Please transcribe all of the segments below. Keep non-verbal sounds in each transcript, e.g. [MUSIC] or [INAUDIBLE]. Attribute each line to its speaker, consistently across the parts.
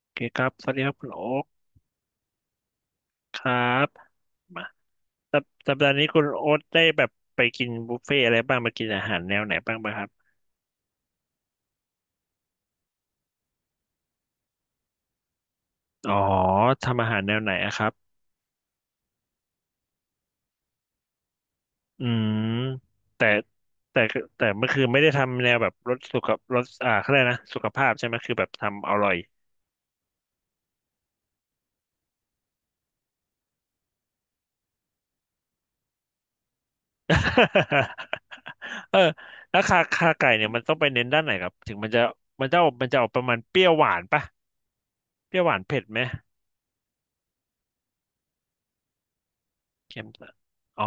Speaker 1: โอเคครับสวัสดีครับคุณโอ๊คครับมาสัปดาห์นี้คุณโอ๊ตได้แบบไปกินบุฟเฟ่อะไรบ้างไปกินอาหารแนวไหนบ้างไหมครับอ๋อทำอาหารแนวไหนอะครับอืมแต่แต่คือแต่เมื่อคืนไม่ได้ทำแนวแบบรสสุขรสเขาเรียกนะสุขภาพใช่ไหมคือแบบทำอร่อย [LAUGHS] เออแล้วคาไก่เนี่ยมันต้องไปเน้นด้านไหนครับถึงมันจะมันจะออกมันจะออกประมาณเปรี้ยวหวานปะเปรี้ยวหวานเผ็ดไหม เข้มส้นอ๋อ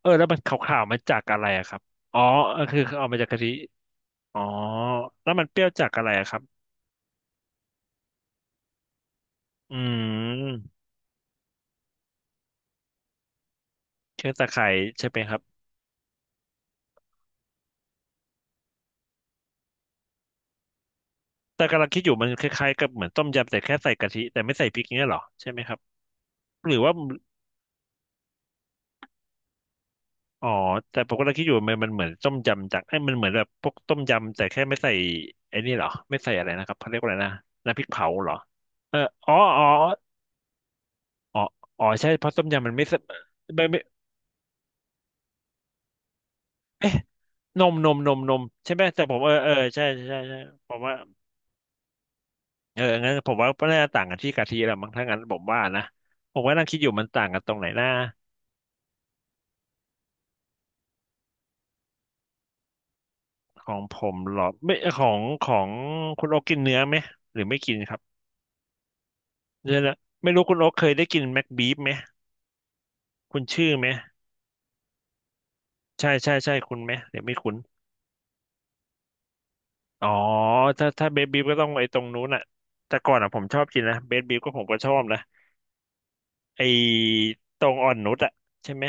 Speaker 1: เออแล้วมันขาวๆมาจากอะไรอะครับ อ๋อเออคือเอามาจากกะทิอ๋อ แล้วมันเปรี้ยวจากอะไรอะครับอืมเครื่องตะไคร้ใช่ไหมครับ แต่กำลังคิดอยู่มันคล้ายๆกับเหมือนต้มยำแต่แค่ใส่กะทิแต่ไม่ใส่พริกเนี้ยเหรอใช่ไหมครับ หรือว่า อ๋อแต่ผมกำลังคิดอยู่มันเหมือนต้มยำจากไอ้ยมันเหมือนแบบพวกต้มยำแต่แค่ไม่ใส่ไอ้นี่เหรอไม่ใส่อะไรนะครับเขาเรียกว่าอะไรนะน้ำพริกเผาเหรอเอออ๋ออ๋ออ๋ออ๋อใช่เพราะต้มยำมันไม่ใส่ไม่ไม่ นมนมนมนมใช่ไหมแต่ผมเออเออใช่ใช่ใช่ใช่ผมว่าเอองั้นผมว่าก็น่าจะต่างกันที่กะทิแหละมั้งถ้างั้นผมว่านะผมก็นั่งคิดอยู่มันต่างกันตรงไหนนะของผมเหรอไม่ของคุณโอ๊กกินเนื้อไหมหรือไม่กินครับเนื้อละไม่รู้คุณโอ๊กเคยได้กินแม็กบีฟไหมคุณชื่อไหมใช่ใช่ใช่คุณไหมหรือไม่คุณอ๋อถ้าเบสบีฟก็ต้องไอ้ตรงนู้นน่ะแต่ก่อนอ่ะผมชอบกินนะเบสบีฟก็ผมก็ชอบนะ ไอ้ตรงอ่อนนุชอะใช่ไหม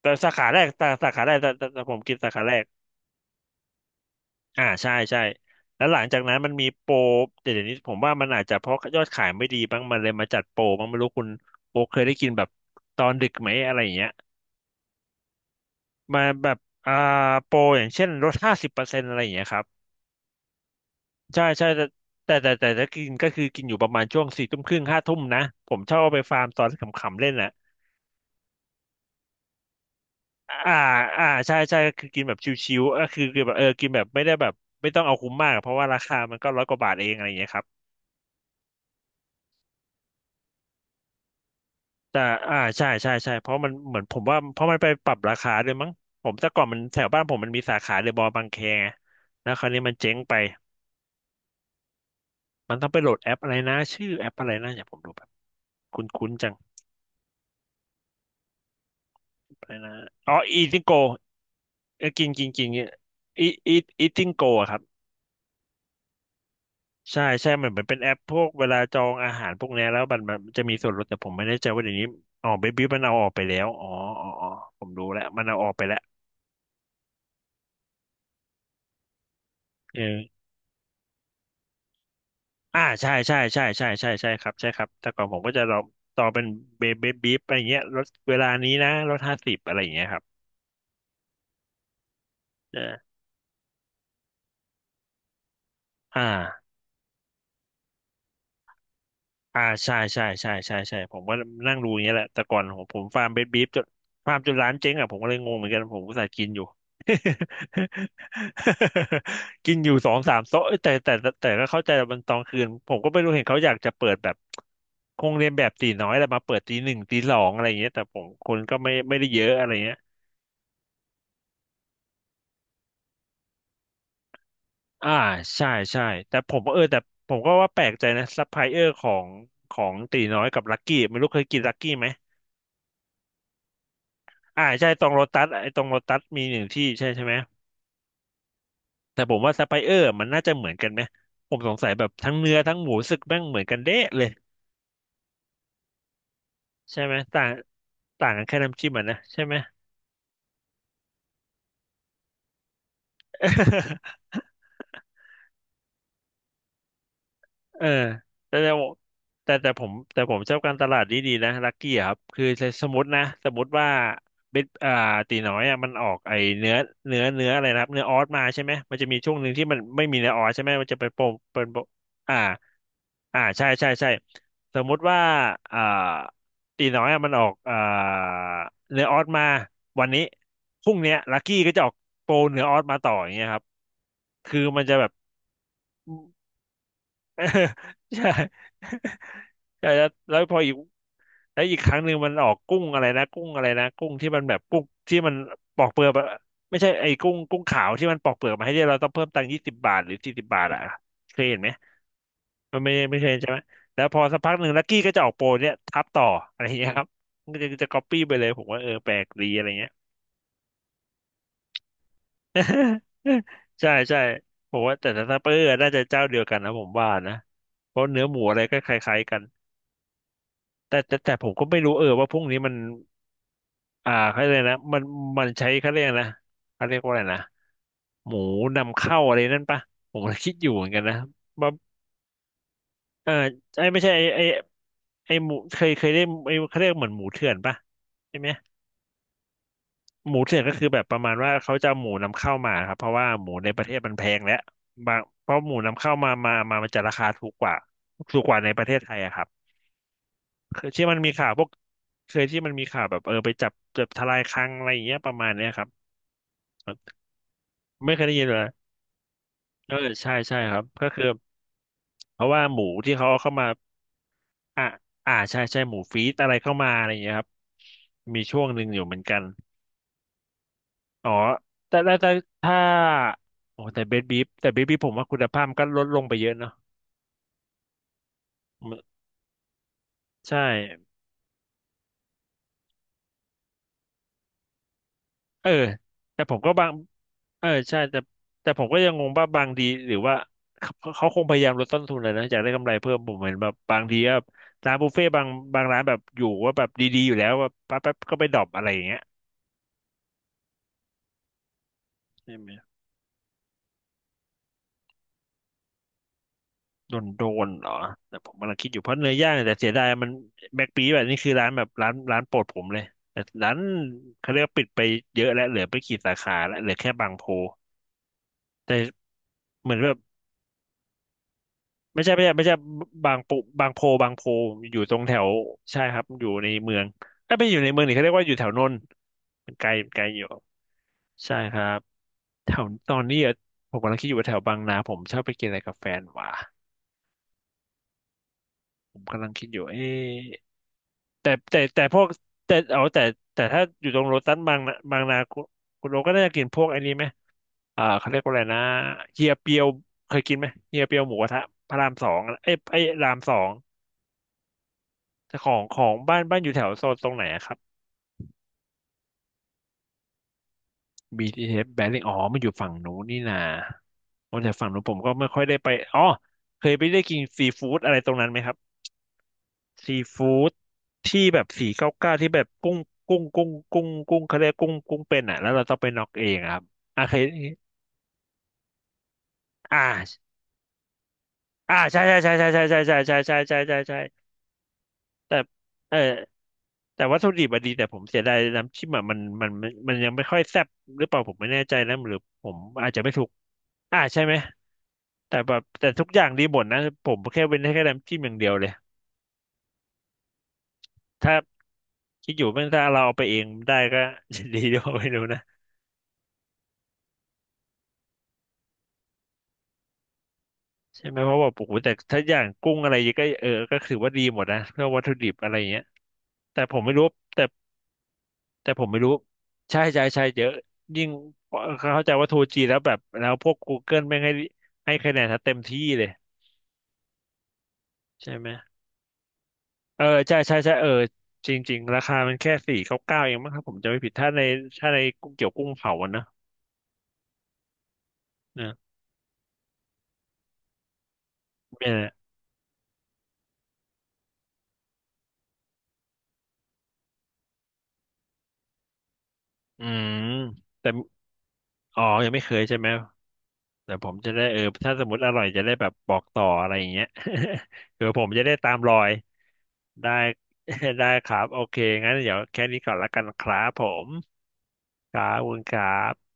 Speaker 1: แต่สาขาแรกแต่สาขาแรกแต่แต่แต่ผมกินสาขาแรกอ่าใช่ใช่แล้วหลังจากนั้นมันมีโปรแต่เดี๋ยวนี้ผมว่ามันอาจจะเพราะยอดขายไม่ดีบ้างมันเลยมาจัดโปรบ้างไม่รู้คุณโปรเคยได้กินแบบตอนดึกไหมอะไรอย่างเงี้ยมาแบบอ่าโปรอย่างเช่นลด50%อะไรอย่างเงี้ยครับใช่ใช่แต่ถ้ากินก็คือกินอยู่ประมาณช่วงสี่ทุ่มครึ่งห้าทุ่มนะผมชอบเอาไปฟาร์มตอนขำๆเล่นแหละ อ่าอ่าใช่ใช่ก็คือกินแบบชิวๆเออคือแบบเออกินแบบไม่ได้แบบไม่ต้องเอาคุ้มมากเพราะว่าราคามันก็ร้อยกว่าบาทเองอะไรอย่างเงี้ยครับแต่อ่าใช่ใช่ใช่เพราะมันเหมือนผมว่าเพราะมันไปปรับราคาด้วยมั้งผมแต่ก่อนมันแถวบ้านผมมันมีสาขาเดอะมอลล์บางแคไงแล้วคราวนี้มันเจ๊งไปมันต้องไปโหลดแอปอะไรนะชื่อแอปอะไรนะอย่าผมดูแบบคุ้นๆจังอะไรนะอ๋ออีทิงโกกินกินกินอีอีอีทิงโกครับ ใช่ใช่เหมือนมันเป็นแอปพวกเวลาจองอาหารพวกเนี้ยแล้วมันมันจะมีส่วนลดแต่ผมไม่แน่ใจว่าเดี๋ยวนี้อ๋อเบบี้มันเอาออกไปแล้วอ๋ออ๋ออ๋อผมรู้แล้วมันเอาออกไปแล้วเอออ่าใช่ใช่ใช่ใช่ใช่ใช่ครับใช่ครับแต่ก่อนผมก็จะรอต่อเป็นเบบี้บีอะไรเงี้ยลดเวลานี้นะลดห้าสิบอะไรอย่างเงี้ยครับเอออ่า อ่าใช่ใช่ใช่ใช่ใช่ผมก็นั่งดูอย่างเงี้ยแหละแต่ก่อนผมฟาร์มเบสบีฟจนฟาร์มจนร้านเจ๊งอ่ะผมก็เลยงงเหมือนกันผมก็สายกินอยู่ [LAUGHS] กินอยู่สองสามโต๊ะเอ้ยแต่ก็เข้าใจว่ามันตอนคืนผมก็ไม่รู้เห็นเขาอยากจะเปิดแบบคงเรียนแบบตีน้อยแต่มาเปิดตีหนึ่งตีสองอะไรอย่างเงี้ยแต่ผมคนก็ไม่ได้เยอะอะไรเงี้ยอ่าใช่ใช่แต่ผมเออแต่ผมก็ว่าแปลกใจนะซัพพลายเออร์ของตีน้อยกับลักกี้ไม่รู้เคยกินลักกี้ไหม อ่าใช่ตรงโลตัสไอ้ตรงโลตัสมีหนึ่งที่ใช่ใช่ไหมแต่ผมว่าซัพพลายเออร์มันน่าจะเหมือนกันไหมผมสงสัยแบบทั้งเนื้อทั้งหมูสึกแม่งเหมือนกันเด๊ะเลยใช่ไหมต่างต่างกันแค่น้ำจิ้มอ่ะนะใช่ไหม [LAUGHS] เออแต่ผมชอบการตลาดดีๆนะลักกี้ครับคือสมมตินะสมมติว่าเบ็ดตีน้อยอ่ะมันออกไอเนื้อเนื้ออะไรนะครับเนื้อออสมาใช่ไหมมันจะมีช่วงหนึ่งที่มันไม่มีเนื้อออสใช่ไหมมันจะไปโปรเป็นโปรอ่าใช่ใช่ใช่สมมุติว่าอ่าตีน้อยอะมันออกเนื้อออสมาวันนี้พรุ่งเนี้ยลักกี้ก็จะออกโปรเนื้อออสมาต่ออย่างเงี้ยครับคือมันจะแบบ [LAUGHS] ใช่ [LAUGHS] ใช่แล้วพออีกแล้วอีกครั้งหนึ่งมันออกกุ้งอะไรนะกุ้งอะไรนะกุ้งที่มันแบบกุ้งที่มันปอกเปลือกอะไม่ใช่ไอ้กุ้งกุ้งขาวที่มันปอกเปลือกมาให้เนี่ยเราต้องเพิ่มตังค์20 บาทหรือ40 บาทอ่ะเคยเห็นไหมมันไม่เคยเห็นใช่ไหมแล้วพอสักพักหนึ่งลักกี้ก็จะออกโปรเนี่ยทับต่ออะไรอย่างเงี้ยครับมันก็จะก๊อปปี้ไปเลยผมว่าเออแปลกดีอะไรเงี้ย [LAUGHS] ใช่ใช่ผมว่าแต่ถ้าเปอร์น่าจะเจ้าเดียวกันนะผมว่านะเพราะเนื้อหมูอะไรก็คล้ายๆกัน แต่ผมก็ไม่รู้เออว่าพวกนี้มันเขาเรียกอะไรนะมันมันใช้เขาเรียกอะไรนะเขาเรียกว่าอะไรนะหมูนำเข้าอะไรนั่นปะผมก็คิดอยู่เหมือนกันนะว่าเออไอ้ไม่ใช่ไอ้หมูเคยได้ไอ้เขาเรียกเหมือนหมูเถื่อนปะใช่ไหมหมูเถื่อนก็คือแบบประมาณว่าเขาจะเอาหมูนำเข้ามาครับเพราะว่าหมูในประเทศมันแพงแล้วบางเพราะหมูนำเข้ามามันจะราคาถูกกว่าถูกกว่าในประเทศไทยอะครับ เคยที่มันมีข่าวพวกเคยที่มันมีข่าวแบบเออไปจับทลายคลังอะไรอย่างเงี้ยประมาณเนี้ยครับไม่เคยได้ยินเลยเออใช่ใช่ครับก็คือเพราะว่าหมูที่เขาเอาเข้ามาอ่าใช่ใช่หมูฟีดอะไรเข้ามาอะไรอย่างเงี้ยครับมีช่วงหนึ่งอยู่เหมือนกันอ๋อแต่ถ้าโอ้แต่เบสบีฟแต่เบสบีฟผมว่าคุณภาพมันก็ลดลงไปเยอะเนาะมันใช่เออแต่ผมก็บาง เออใช่แต่แต่ผมก็ยังงงว่าบางทีหรือว่าเขาคงพยายามลดต้นทุนเลยนะอยากได้กำไรเพิ่มผมเห็นแบบบางทีก็ร้านบุฟเฟ่ต์บางบางร้านแบบอยู่ว่าแบบดีๆอยู่แล้วแบแป๊บก็ไปดรอปอะไรอย่างเงี้ยใช่ไหมโดนโดนเหรอแต่ผมกำลังคิดอยู่เพราะเนื้อย่างเนี่ยแต่เสียดายมันแบ็คปีแบบนี้คือร้านแบบร้านร้านโปรดผมเลยแต่ร้านเขาเรียกว่าปิดไปเยอะแล้วเหลือไปกี่สาขาแล้วเหลือแค่บางโพแต่เหมือนแบบ ไม่ใช่บางปูบางโพบางโพอยู่ตรงแถวใช่ครับอยู่ในเมืองถ้าไม่อยู่ในเมืองนี่เขาเรียกว่าอยู่แถวนนท์มันไกลไกลอยู่ใช่ครับแถวตอนนี้อะผมกำลังคิดอยู่ว่าแถวบางนาผมชอบไปกินอะไรกับแฟนวะผมกำลังคิดอยู่เอ๊ะแต่พวกแต่เอาแต่แต่ถ้าอยู่ตรงโลตัสบางนาบางนาคุณคุณโอก็น่าจะกินพวกไอ้นี้ไหมเขาเรียกว่าอะไรนะเฮียเปียวเคยกินไหมเฮียเปียวหมูกระทะพระราม 2อะเอ้ยไอ้ยรามสอง แต่ของของบ้านบ้านอยู่แถวโซนตรงไหนอะครับ BTS Battling อ๋อมันอยู่ฝั่งนู้นนี่นาโอ้แต่ฝั่งนู้นผมก็ไม่ค่อยได้ไปอ๋อเคยไปได้กินซีฟู้ดอะไรตรงนั้นไหมครับซีฟู้ดที่แบบสี่เก้าเก้าที่แบบกุ้งเขาเรียกกุ้งเป็นอ่ะแล้วเราต้องไปน็อกเองอะครับอ่ะเคยอ่าใช่ใช่ใช่ใช่ใช่ใช่ใช่ใช่ใช่ใช่ใช่ใช่แต่เออแต่วัตถุดิบอะดีแต่ผมเสียดายน้ำจิ้มอะมันยังไม่ค่อยแซ่บหรือเปล่าผมไม่แน่ใจนะหรือผมอาจจะไม่ถูก อ่าใช่ไหมแต่แบบแต่ทุกอย่างดีหมดนะผมแค่เว้นให้แค่น้ำจิ้มอย่างเดียวเลยถ้าคิดอยู่แม่งถ้าเราเอาไปเองได้ก็ [LAUGHS] ดีด้วยไม่รู้นะใช่ไหมเพราะว่าโอ้โหแต่ถ้าอย่างกุ้งอะไรก็เออก็ถือว่าดีหมดนะเพื่อวัตถุดิบอะไรเงี้ยแต่ผมไม่รู้แต่แต่ผมไม่รู้ใช่เยอะยิ่งเข้าใจว่าทูจีนแล้วแบบแล้วพวก Google ไม่งให้ให้คะแนนถ้าเต็มที่เลยใช่ไหมเออใช่เออจริงๆราคามันแค่สี่เก้าเก้าเองมั้งครับผมจะไม่ผิดถ้าในถ้าในกุ้งเกี่ยวกุ้งเผาอะนะ เนี่ยเนี่ยอืม แต่อ๋อยังไม่เคยใช่ไหม แต่ผมจะได้เออถ้าสมมติอร่อยจะได้แบบบอกต่ออะไรอย่างเงี้ย [LAUGHS] คือผมจะได้ตามรอยได้ [LAUGHS] ได้ครับ โอเค งั้นเดี๋ยวแค่นี้ก่อนละกันครับผมครับขอบคุณครับ